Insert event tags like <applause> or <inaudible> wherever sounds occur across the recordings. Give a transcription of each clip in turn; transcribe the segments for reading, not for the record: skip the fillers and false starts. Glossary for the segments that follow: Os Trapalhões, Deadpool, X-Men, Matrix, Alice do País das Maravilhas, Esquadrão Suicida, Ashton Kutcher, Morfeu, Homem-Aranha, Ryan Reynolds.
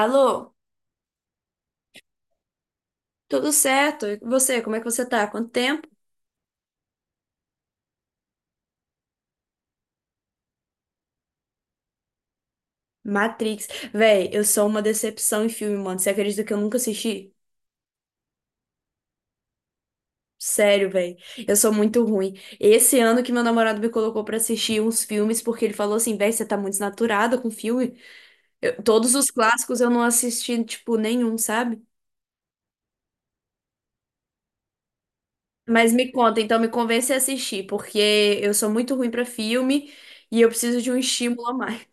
Alô, tudo certo? E você, como é que você tá? Quanto tempo? Matrix. Véi, eu sou uma decepção em filme, mano. Você acredita que eu nunca assisti? Sério, véi. Eu sou muito ruim. Esse ano que meu namorado me colocou pra assistir uns filmes, porque ele falou assim, véi, você tá muito desnaturada com filme. Todos os clássicos eu não assisti, tipo, nenhum, sabe? Mas me conta, então me convence a assistir, porque eu sou muito ruim pra filme e eu preciso de um estímulo a mais.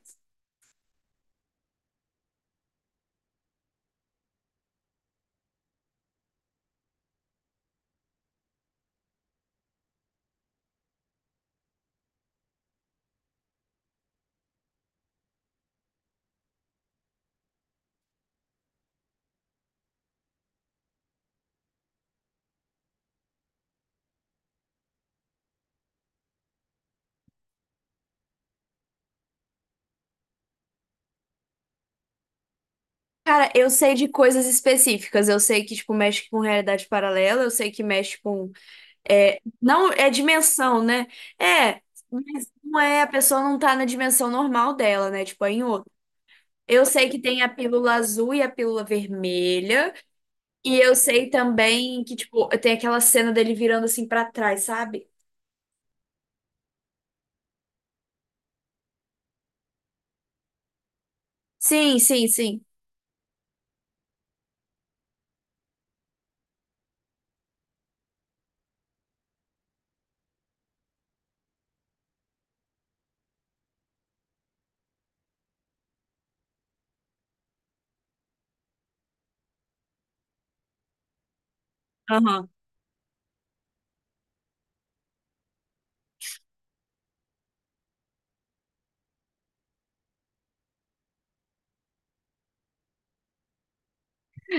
Cara, eu sei de coisas específicas. Eu sei que, tipo, mexe com realidade paralela. Eu sei que mexe com... É, não, é dimensão, né? É, mas não é... A pessoa não tá na dimensão normal dela, né? Tipo, é em outra. Eu sei que tem a pílula azul e a pílula vermelha. E eu sei também que, tipo, tem aquela cena dele virando assim pra trás, sabe? Sim, sim, sim. Aham.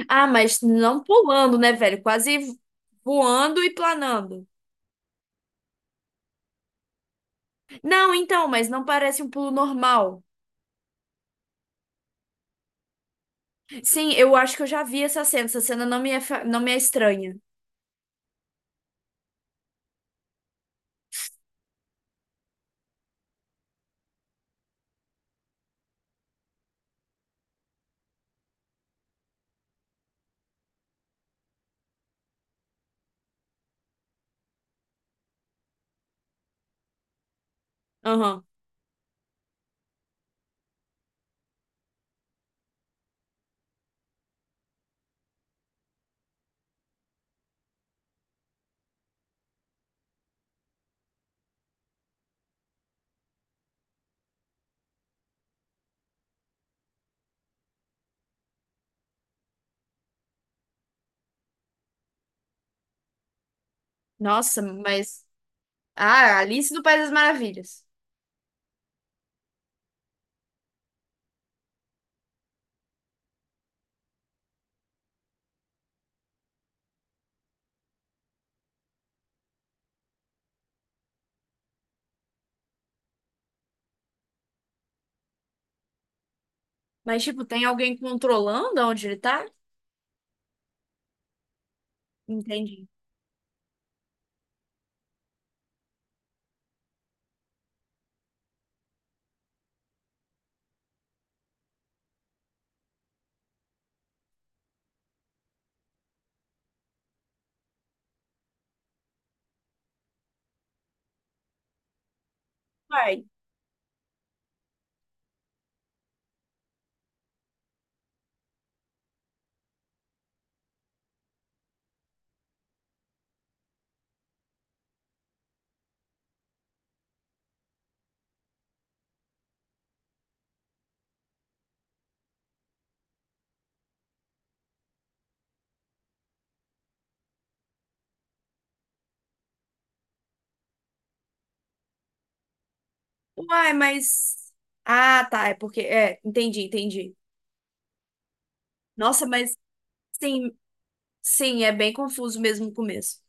Ah, mas não pulando, né, velho? Quase voando e planando. Não, então, mas não parece um pulo normal. Sim, eu acho que eu já vi essa cena. Essa cena não me é, não me é estranha. Aham. Nossa, mas. Ah, Alice do País das Maravilhas. Mas, tipo, tem alguém controlando onde ele tá? Entendi. Uai. Uai, mas. Ah, tá. É porque. É, entendi, entendi. Nossa, mas sim, sim, é bem confuso mesmo no começo.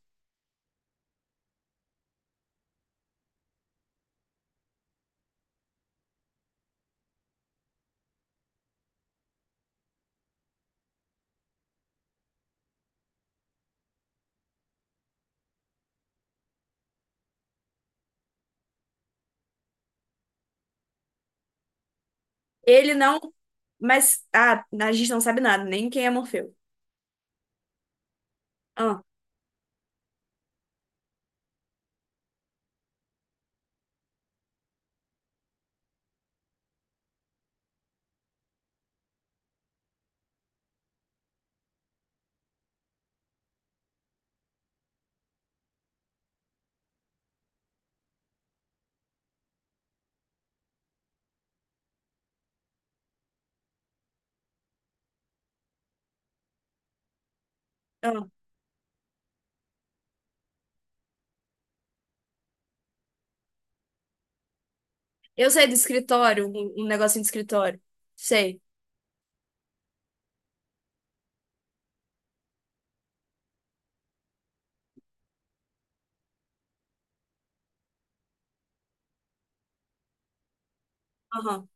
Ele não. Mas. Ah, a gente não sabe nada, nem quem é Morfeu. Ah, ah. Eu sei do escritório, um negocinho de escritório. Sei. Aham.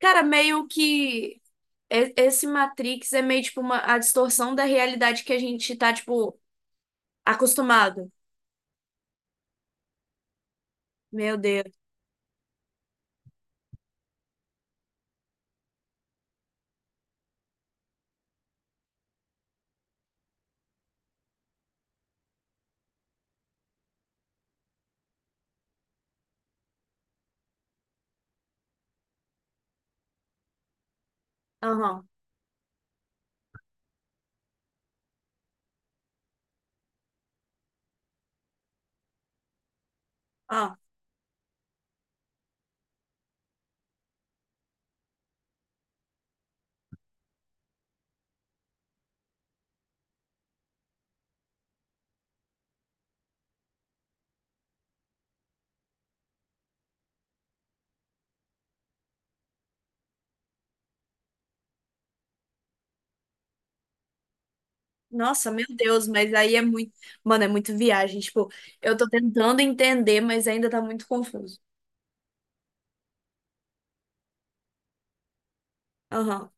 Cara, meio que esse Matrix é meio tipo uma a distorção da realidade que a gente tá, tipo, acostumado. Meu Deus. Aham. Ah. Nossa, meu Deus, mas aí é muito. Mano, é muito viagem. Tipo, eu tô tentando entender, mas ainda tá muito confuso. Aham.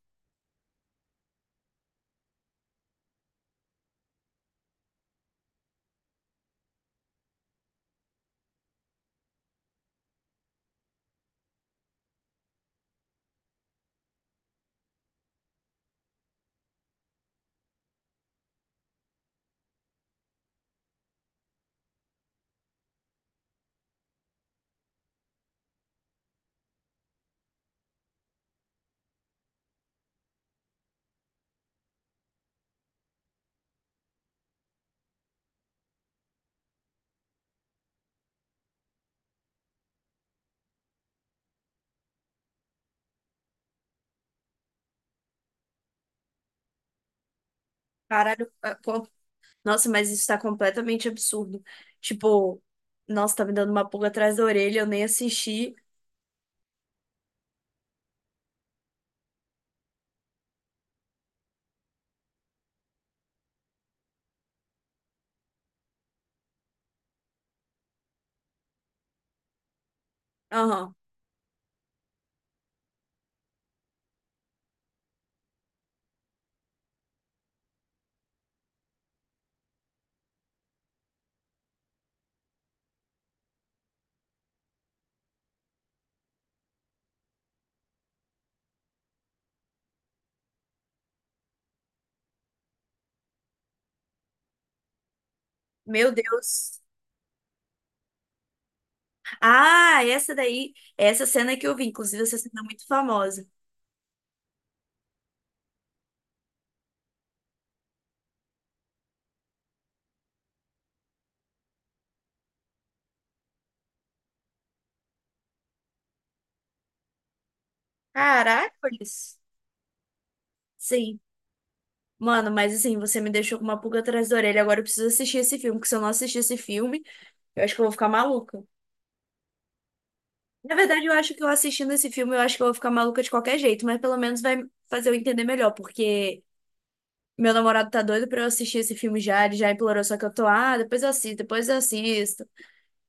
Caralho. Nossa, mas isso tá completamente absurdo. Tipo, nossa, tá me dando uma pulga atrás da orelha, eu nem assisti. Aham. Meu Deus. Ah, essa daí, essa cena que eu vi, inclusive essa cena é muito famosa. Caracoles. Sim. Mano, mas assim, você me deixou com uma pulga atrás da orelha. Agora eu preciso assistir esse filme, porque se eu não assistir esse filme, eu acho que eu vou ficar maluca. Na verdade, eu acho que eu assistindo esse filme, eu acho que eu vou ficar maluca de qualquer jeito, mas pelo menos vai fazer eu entender melhor, porque meu namorado tá doido pra eu assistir esse filme já, ele já implorou, só que eu tô, ah, depois eu assisto, depois eu assisto.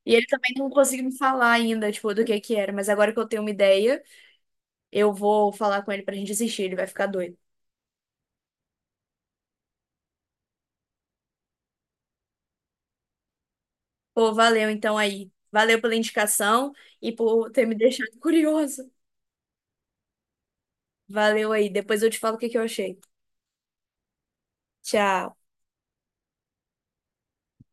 E ele também não conseguiu me falar ainda, tipo, do que era, mas agora que eu tenho uma ideia. Eu vou falar com ele pra gente assistir, ele vai ficar doido. Pô, valeu então aí. Valeu pela indicação e por ter me deixado <laughs> curiosa. Valeu aí. Depois eu te falo o que que eu achei. Tchau.